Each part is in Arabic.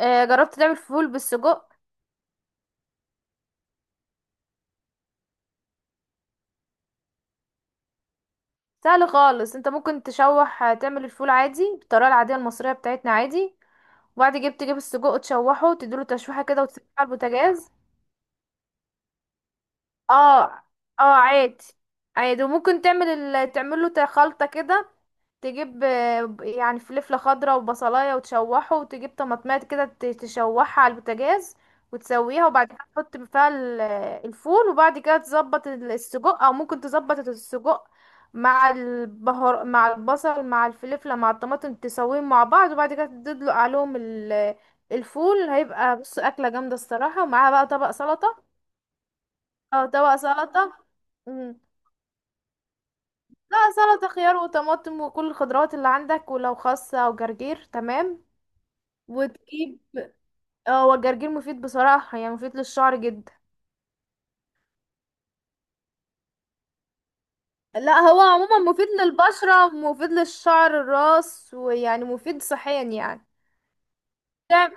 جربت تعمل فول بالسجق. سهل خالص، انت ممكن تشوح، تعمل الفول عادي بالطريقه العاديه المصريه بتاعتنا عادي، وبعد كده تجيب السجق تشوحه، تديله تشويحه كده وتسيبه على البوتاجاز. اه. اه عادي. عادي، وممكن تعمل تعمل له خلطة كده. تجيب يعني فلفلة خضراء وبصلاية وتشوحه، وتجيب طماطمات كده تشوحها على البوتاجاز وتسويها، وبعد كده تحط فيها الفول، وبعد كده تظبط السجق، او ممكن تظبط السجق مع البهار مع البصل مع الفلفلة مع الطماطم، تسويهم مع بعض، وبعد كده تدلق عليهم الفول. هيبقى بص أكلة جامدة الصراحة، ومعاها بقى طبق سلطة. اه طبق سلطة. مم. لا، سلطة خيار وطماطم وكل الخضروات اللي عندك، ولو خاصة او جرجير تمام. وتجيب، اه، هو الجرجير مفيد بصراحة، يعني مفيد للشعر جدا. لا، هو عموما مفيد للبشرة، مفيد للشعر الراس، ويعني مفيد صحيا يعني. تعم-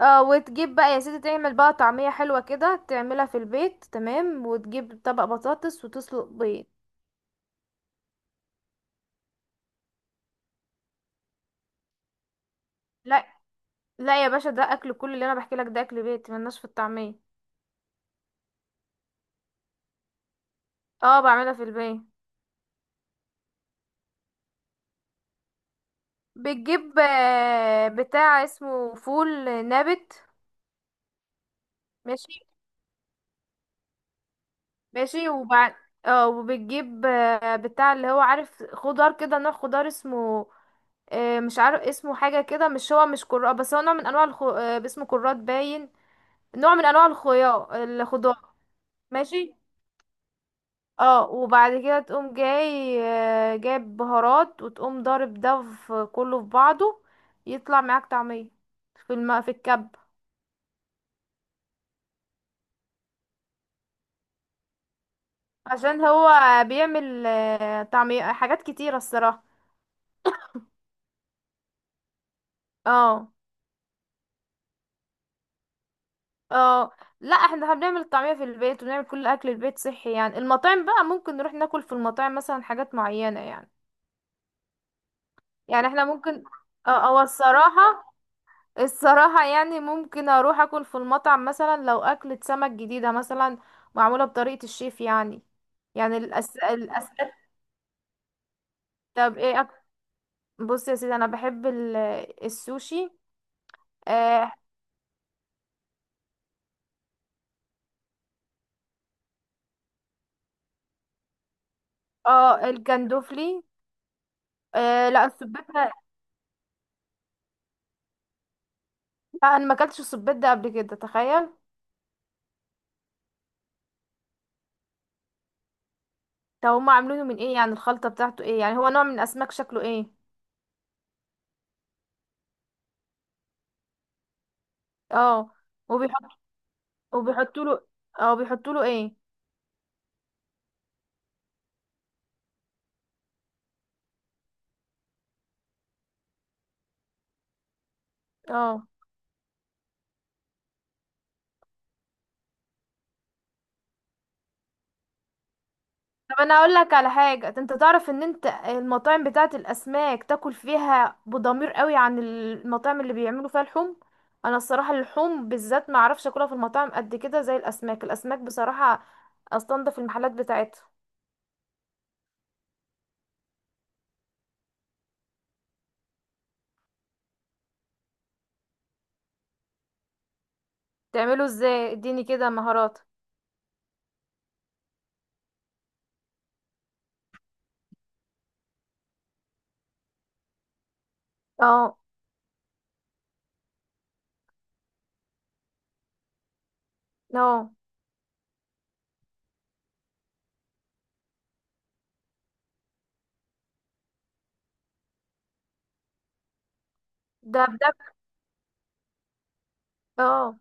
اه وتجيب بقى يا سيدي، تعمل بقى طعمية حلوة كده، تعملها في البيت تمام، وتجيب طبق بطاطس وتسلق بيض. لا لا يا باشا، ده اكل، كل اللي انا بحكي لك ده اكل بيت، ملناش في الطعمية. اه بعملها في البيت. بتجيب بتاع اسمه فول نابت. ماشي. ماشي وبعد، اه، وبتجيب بتاع اللي هو عارف خضار كده، نوع خضار اسمه، مش عارف اسمه حاجة كده، مش هو مش كرات، بس هو نوع من انواع الخ... آه، اسمه كرات باين، نوع من انواع الخيار الخضار. ماشي. اه، وبعد كده تقوم جاي جايب بهارات، وتقوم ضارب ده في كله في بعضه، يطلع معاك طعمية في في الكب. عشان هو بيعمل طعمية حاجات كتيرة الصراحة. اه. اه. لا، احنا بنعمل الطعمية في البيت، وبنعمل كل اكل البيت صحي يعني. المطاعم بقى ممكن نروح ناكل في المطاعم مثلا حاجات معينة يعني. يعني احنا ممكن، اه، الصراحة، الصراحة يعني ممكن اروح اكل في المطعم مثلا لو اكلة سمك جديدة مثلا، معمولة بطريقة الشيف يعني. يعني طب بص يا سيدي، انا بحب السوشي. اه. الجندوفلي. آه لا، السبيت ده، لا، انا ما اكلتش السبيت ده قبل كده، تخيل. طب هما عاملينه من ايه يعني؟ الخلطه بتاعته ايه يعني؟ هو نوع من الاسماك؟ شكله ايه؟ اه وبيحط، وبيحطوا له، اه بيحطوا له ايه؟ اه طب انا اقول لك على حاجه، انت تعرف ان انت المطاعم بتاعه الاسماك تاكل فيها بضمير قوي عن المطاعم اللي بيعملوا فيها لحوم. انا الصراحه اللحوم بالذات ما اعرفش اكلها في المطاعم قد كده زي الاسماك. الاسماك بصراحه استنضف المحلات بتاعتها. تعمله ازاي؟ اديني كده مهارات. اه. اه. ده بجد. اه.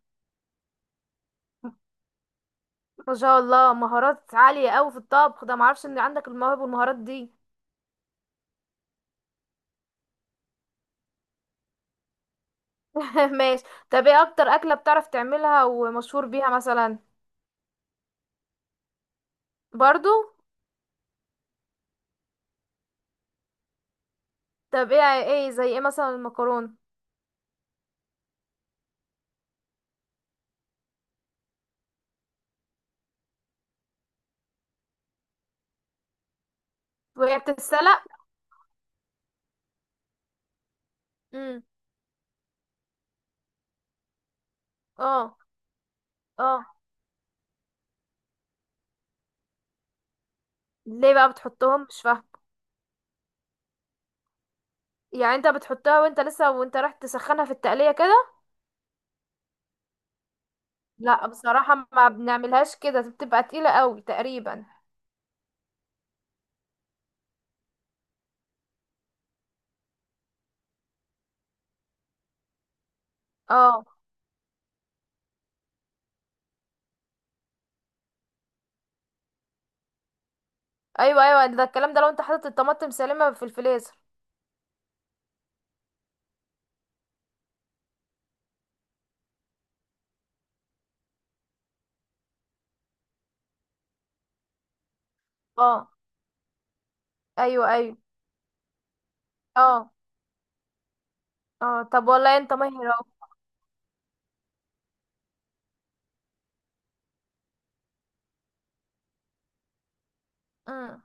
ما شاء الله، مهارات عالية قوي في الطبخ ده، معرفش ان عندك المواهب والمهارات دي. ماشي. طب ايه اكتر اكلة بتعرف تعملها ومشهور بيها مثلا؟ برضو؟ طب ايه، ايه زي ايه مثلا المكرونة؟ وهي بتتسلق؟ امم. اه. اه. ليه بقى بتحطهم؟ مش فاهمة. يعني انت بتحطها وانت لسه، وانت رايح تسخنها في التقلية كده؟ لا بصراحة ما بنعملهاش كده، بتبقى تقيلة قوي تقريبا. اه. ايوه ايوه، ده الكلام. ده لو انت حاطط الطماطم سالمة في الفريزر. اه. ايوه ايوه. اه. اه. طب والله انت ماهر اهو. مم.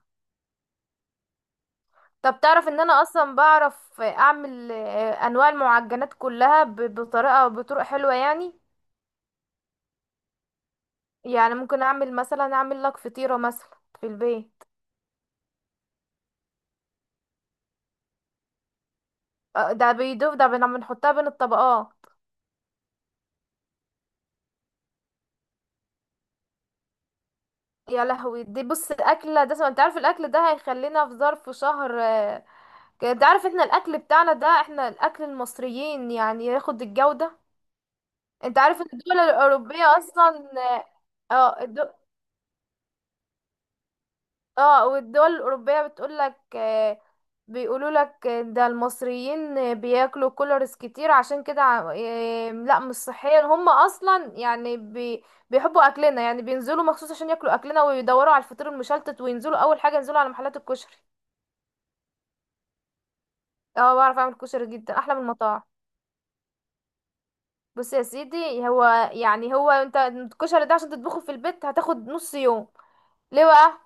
طب تعرف ان انا اصلا بعرف اعمل، انواع المعجنات كلها بطريقه، بطرق حلوه يعني. يعني ممكن اعمل مثلا، اعمل لك فطيره مثلا في البيت. ده بيدوب ده، بنحطها بين الطبقات. يا لهوي، دي بص الاكله ده، انت عارف الاكل ده هيخلينا في ظرف شهر كده. انت عارف احنا الاكل بتاعنا ده، احنا الاكل المصريين يعني ياخد الجوده. انت عارف ان الدول الاوروبيه اصلا، اه الد- اه والدول الأوروبية بتقولك، بيقولولك، ده المصريين بياكلوا كولرز كتير عشان كده لا مش صحيا، هم أصلا يعني بي، بيحبوا أكلنا يعني، بينزلوا مخصوص عشان ياكلوا أكلنا، ويدوروا على الفطير المشلتت، وينزلوا أول حاجة ينزلوا على محلات الكشري. اه بعرف أعمل كشري جدا أحلى من المطاعم. بص يا سيدي، هو يعني، هو انت الكشري ده عشان تطبخه في البيت هتاخد نص يوم. ليه بقى؟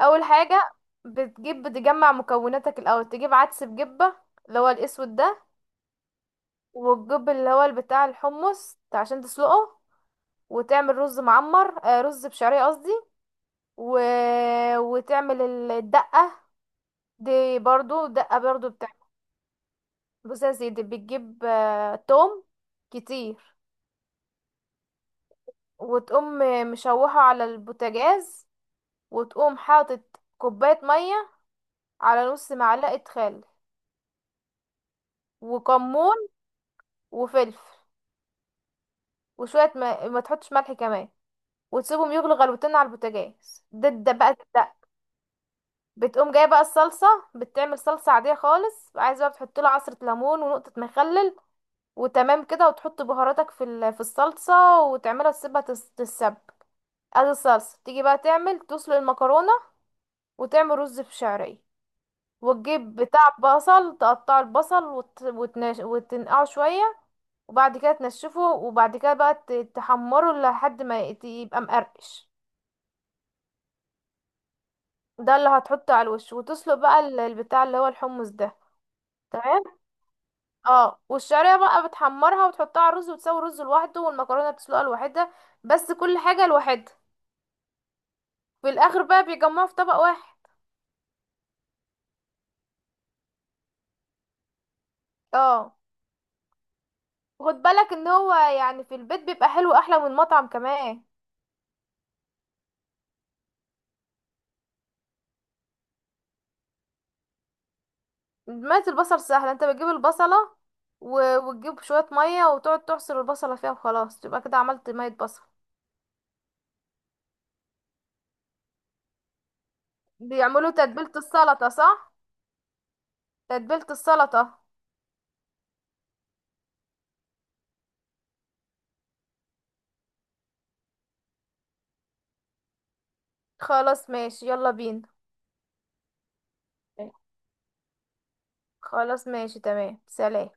اول حاجه، بتجيب، بتجمع مكوناتك الاول. تجيب عدس بجبه، اللي هو الاسود ده، والجب اللي هو بتاع الحمص عشان تسلقه، وتعمل رز معمر، آه رز بشعريه قصدي، و... وتعمل الدقه دي برضو. الدقه برضو بتعمل، بص يا سيدي، بتجيب توم كتير، وتقوم مشوحه على البوتاجاز، وتقوم حاطط كوبايه ميه على نص معلقه خل، وكمون، وفلفل، وشويه ما تحطش ملح كمان، وتسيبهم يغلوا غلوتين على البوتاجاز. ده بقى ده. بتقوم جايه بقى الصلصه، بتعمل صلصه عاديه خالص، عايزه بقى بتحط له عصره ليمون ونقطه مخلل، وتمام كده، وتحط بهاراتك في في الصلصه، وتعملها تسيبها تتسبك. ادي الصلصه، تيجي بقى تعمل تسلق المكرونه، وتعمل رز في شعريه، وتجيب بتاع بصل، تقطع البصل وتنقعه شويه، وبعد كده تنشفه، وبعد كده بقى تحمره لحد ما يبقى مقرقش. ده اللي هتحطه على الوش، وتسلق بقى البتاع اللي هو الحمص ده. تمام. اه، والشعريه بقى بتحمرها وتحطها على الرز، وتسوي الرز لوحده، والمكرونه بتسلقها لوحدها، بس كل حاجه لوحدها. في الاخر بقى بيجمعوا في طبق واحد. اه. خد بالك ان هو يعني في البيت بيبقى حلو احلى من المطعم كمان. ميه البصل سهله، انت بتجيب البصله، وتجيب شويه ميه، وتقعد تعصر البصله فيها، وخلاص تبقى كده عملت ميه بصل. بيعملوا تتبيله السلطه صح. تتبيله السلطه. خلاص ماشي، يلا بينا. خلاص ماشي، تمام، سلام.